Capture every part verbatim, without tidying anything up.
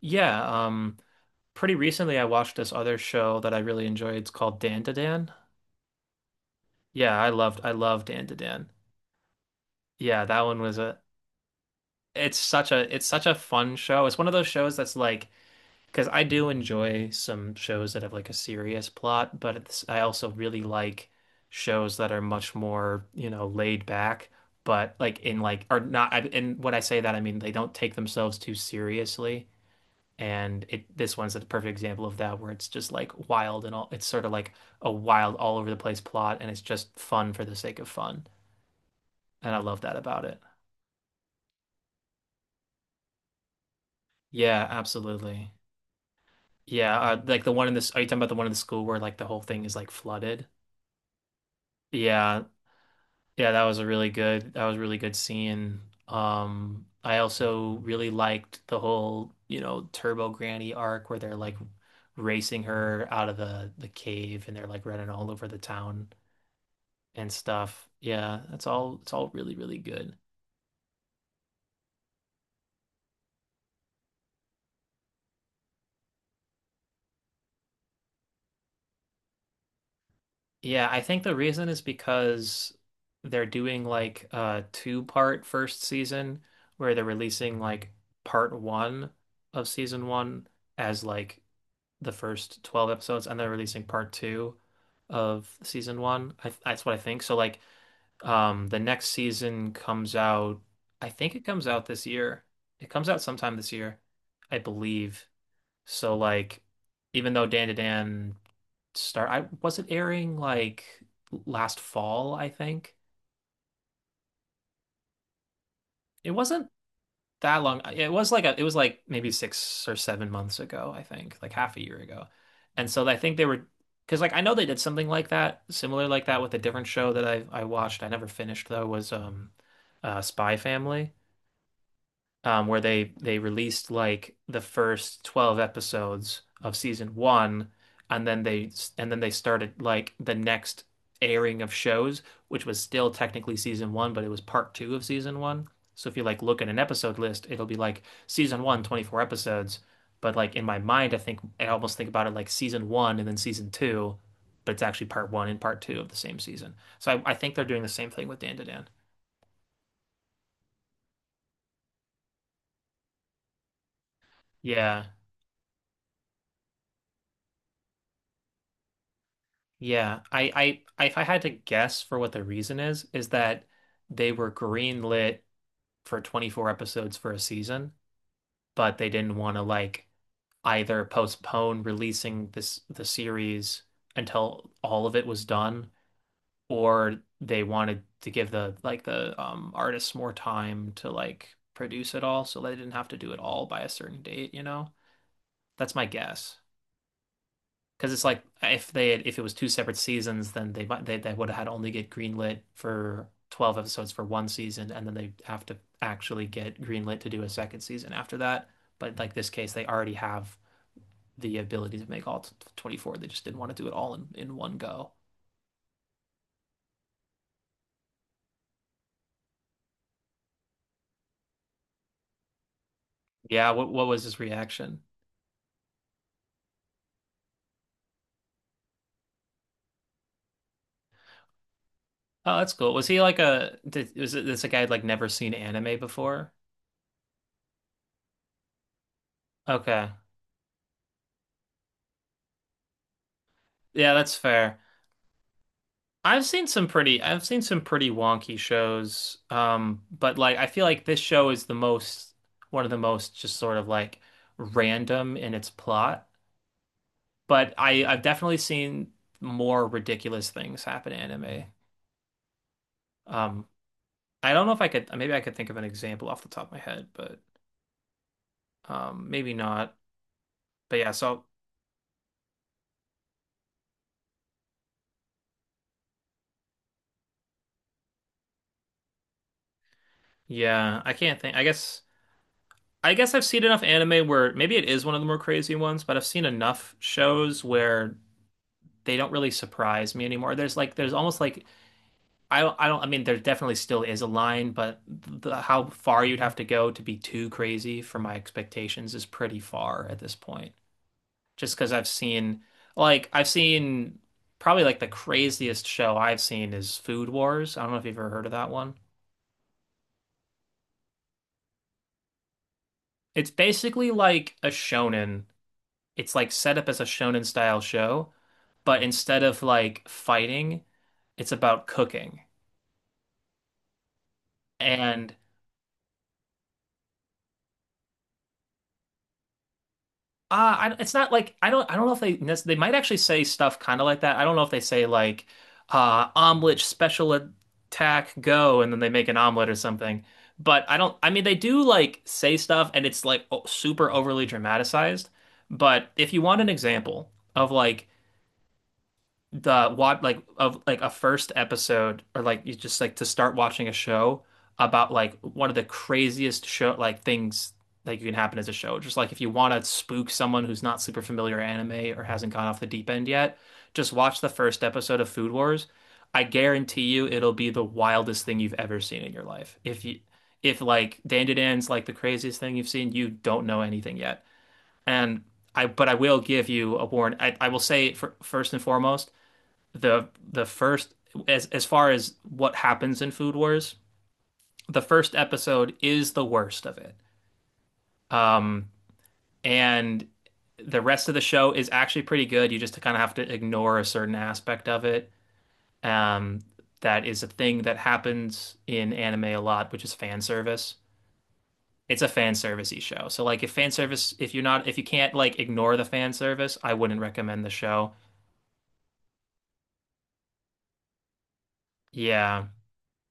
Yeah, um, pretty recently I watched this other show that I really enjoyed. It's called Dan to Dan. Yeah, I loved I loved Dan to Dan. Yeah, that one was a it's such a it's such a fun show. It's one of those shows that's like because I do enjoy some shows that have like a serious plot, but it's, I also really like shows that are much more, you know, laid back, but like in like are not I- and when I say that I mean they don't take themselves too seriously. And it this one's a perfect example of that where it's just like wild and all it's sort of like a wild all over the place plot and it's just fun for the sake of fun. And I love that about it. Yeah, absolutely. Yeah, uh, like the one in this are you talking about the one in the school where like the whole thing is like flooded? Yeah. Yeah, that was a really good that was a really good scene. Um I also really liked the whole, you know, Turbo Granny arc where they're like racing her out of the the cave and they're like running all over the town. And stuff. Yeah, that's all it's all really, really good. Yeah, I think the reason is because they're doing like a two-part first season where they're releasing like part one of season one as like the first twelve episodes and they're releasing part two of season one. I, that's what I think. So like um the next season comes out. I think it comes out this year. It comes out sometime this year, I believe. So like, even though Dan to Dan start, I was it airing like last fall, I think. It wasn't that long. uh, It was like a, it was like maybe six or seven months ago, I think, like half a year ago. And so I think they were, because like I know they did something like that, similar like that with a different show that I I watched. I never finished though, was um uh Spy Family. Um, where they they released like the first twelve episodes of season one and then they and then they started like the next airing of shows which was still technically season one but it was part two of season one. So if you like look at an episode list it'll be like season one, twenty four episodes, but like in my mind I think I almost think about it like season one and then season two, but it's actually part one and part two of the same season. So I, I think they're doing the same thing with Dan to Dan. Yeah. Yeah, I, I, if I had to guess for what the reason is, is that they were greenlit for twenty-four episodes for a season, but they didn't want to like either postpone releasing this the series until all of it was done, or they wanted to give the like the um artists more time to like produce it all, so they didn't have to do it all by a certain date, you know? That's my guess. Because it's like if they had, if it was two separate seasons, then they might they, they would have had only get greenlit for twelve episodes for one season, and then they have to actually get greenlit to do a second season after that. But like this case, they already have the ability to make all twenty-four. They just didn't want to do it all in, in one go. Yeah, what what was his reaction? Oh, that's cool. Was he like a did, was it, this a guy who'd like never seen anime before? Okay. Yeah, that's fair. I've seen some pretty I've seen some pretty wonky shows. Um, but like I feel like this show is the most one of the most just sort of like random in its plot. But I I've definitely seen more ridiculous things happen in anime. Um, I don't know if I could maybe I could think of an example off the top of my head, but um maybe not. But yeah, so yeah, I can't think. I guess I guess I've seen enough anime where maybe it is one of the more crazy ones, but I've seen enough shows where they don't really surprise me anymore. There's like there's almost like I don't I don't I mean there definitely still is a line, but the, how far you'd have to go to be too crazy for my expectations is pretty far at this point. Just because I've seen like I've seen probably like the craziest show I've seen is Food Wars. I don't know if you've ever heard of that one. It's basically like a shonen. It's like set up as a shonen style show, but instead of like fighting, it's about cooking. And Uh, I, it's not like I don't I don't know if they nec- they might actually say stuff kind of like that. I don't know if they say like uh omelet special attack go and then they make an omelet or something. But I don't I mean they do like say stuff and it's like o super overly dramatized. But if you want an example of like the what like of like a first episode or like you just like to start watching a show about like one of the craziest show like things that you can happen as a show. Just like if you want to spook someone who's not super familiar with anime or hasn't gone off the deep end yet, just watch the first episode of Food Wars. I guarantee you it'll be the wildest thing you've ever seen in your life. If you if like Dandadan's like the craziest thing you've seen, you don't know anything yet. And I but I will give you a warning. I, I will say for first and foremost the the first as as far as what happens in Food Wars, the first episode is the worst of it. Um, and the rest of the show is actually pretty good. You just kind of have to ignore a certain aspect of it. Um, that is a thing that happens in anime a lot, which is fan service. It's a fan servicey show. So like if fan service if you're not if you can't like ignore the fan service, I wouldn't recommend the show. Yeah.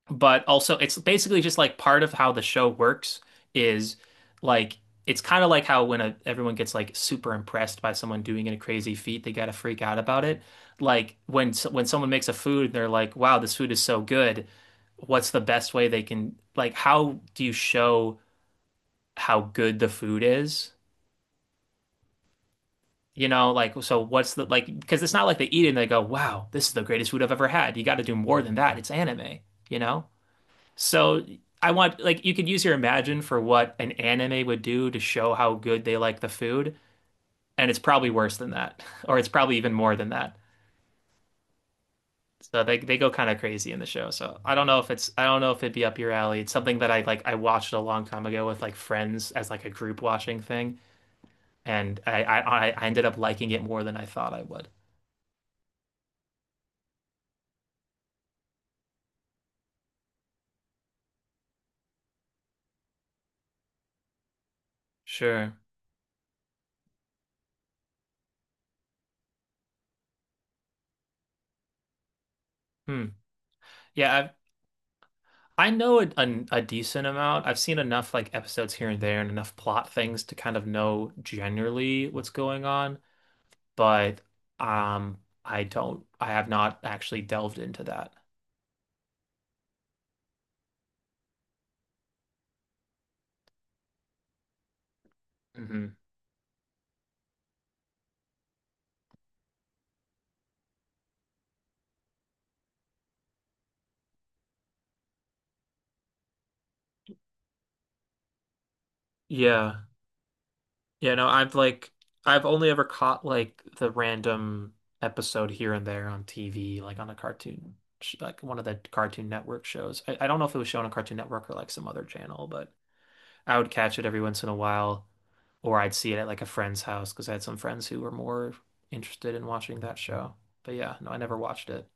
But also it's basically just like part of how the show works is like it's kind of like how when a, everyone gets like super impressed by someone doing a crazy feat, they gotta freak out about it. Like when s- when someone makes a food, they're like, "Wow, this food is so good. What's the best way they can like how do you show how good the food is?" You know, like so what's the like because it's not like they eat it and they go, "Wow, this is the greatest food I've ever had." You got to do more than that. It's anime, you know? So I want like you could use your imagine for what an anime would do to show how good they like the food, and it's probably worse than that, or it's probably even more than that. So they they go kind of crazy in the show. So I don't know if it's I don't know if it'd be up your alley. It's something that I like I watched a long time ago with like friends as like a group watching thing, and I I I ended up liking it more than I thought I would. Sure. Hmm. Yeah, I know a, a, a decent amount. I've seen enough like episodes here and there and enough plot things to kind of know generally what's going on, but um I don't I have not actually delved into that. Hmm. Yeah. Yeah, no, I've like I've only ever caught like the random episode here and there on T V, like on a cartoon sh- like one of the Cartoon Network shows. I, I don't know if it was shown on Cartoon Network or like some other channel, but I would catch it every once in a while. Or I'd see it at like a friend's house because I had some friends who were more interested in watching that show. But yeah, no, I never watched it.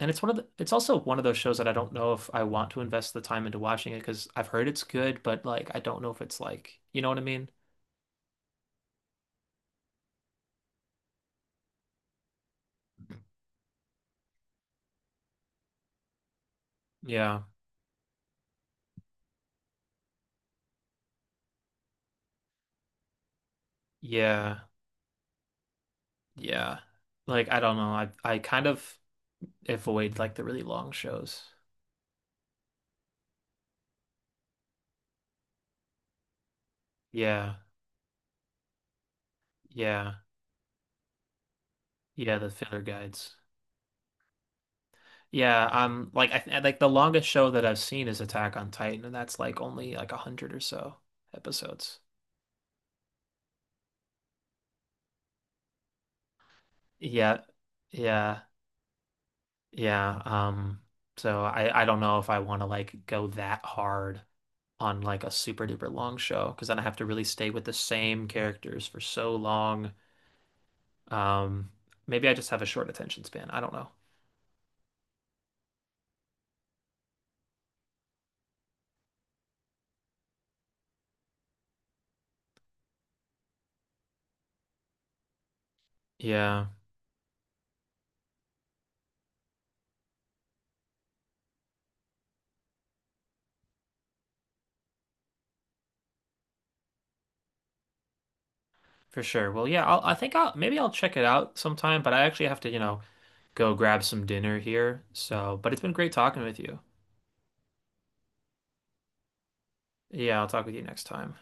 And it's one of the, it's also one of those shows that I don't know if I want to invest the time into watching it because I've heard it's good, but like I don't know if it's like, you know what I mean? Yeah. Yeah. Yeah. Like I don't know. I I kind of avoid like the really long shows. Yeah. Yeah. Yeah, the filler guides. Yeah, um, like I th like the longest show that I've seen is Attack on Titan, and that's like only like a hundred or so episodes. Yeah, yeah, yeah. Um, so I I don't know if I want to like go that hard on like a super duper long show because then I have to really stay with the same characters for so long. Um, Maybe I just have a short attention span. I don't know. Yeah, for sure. Well, yeah, I'll, I think I'll maybe I'll check it out sometime, but I actually have to, you know, go grab some dinner here. So, but it's been great talking with you. Yeah, I'll talk with you next time.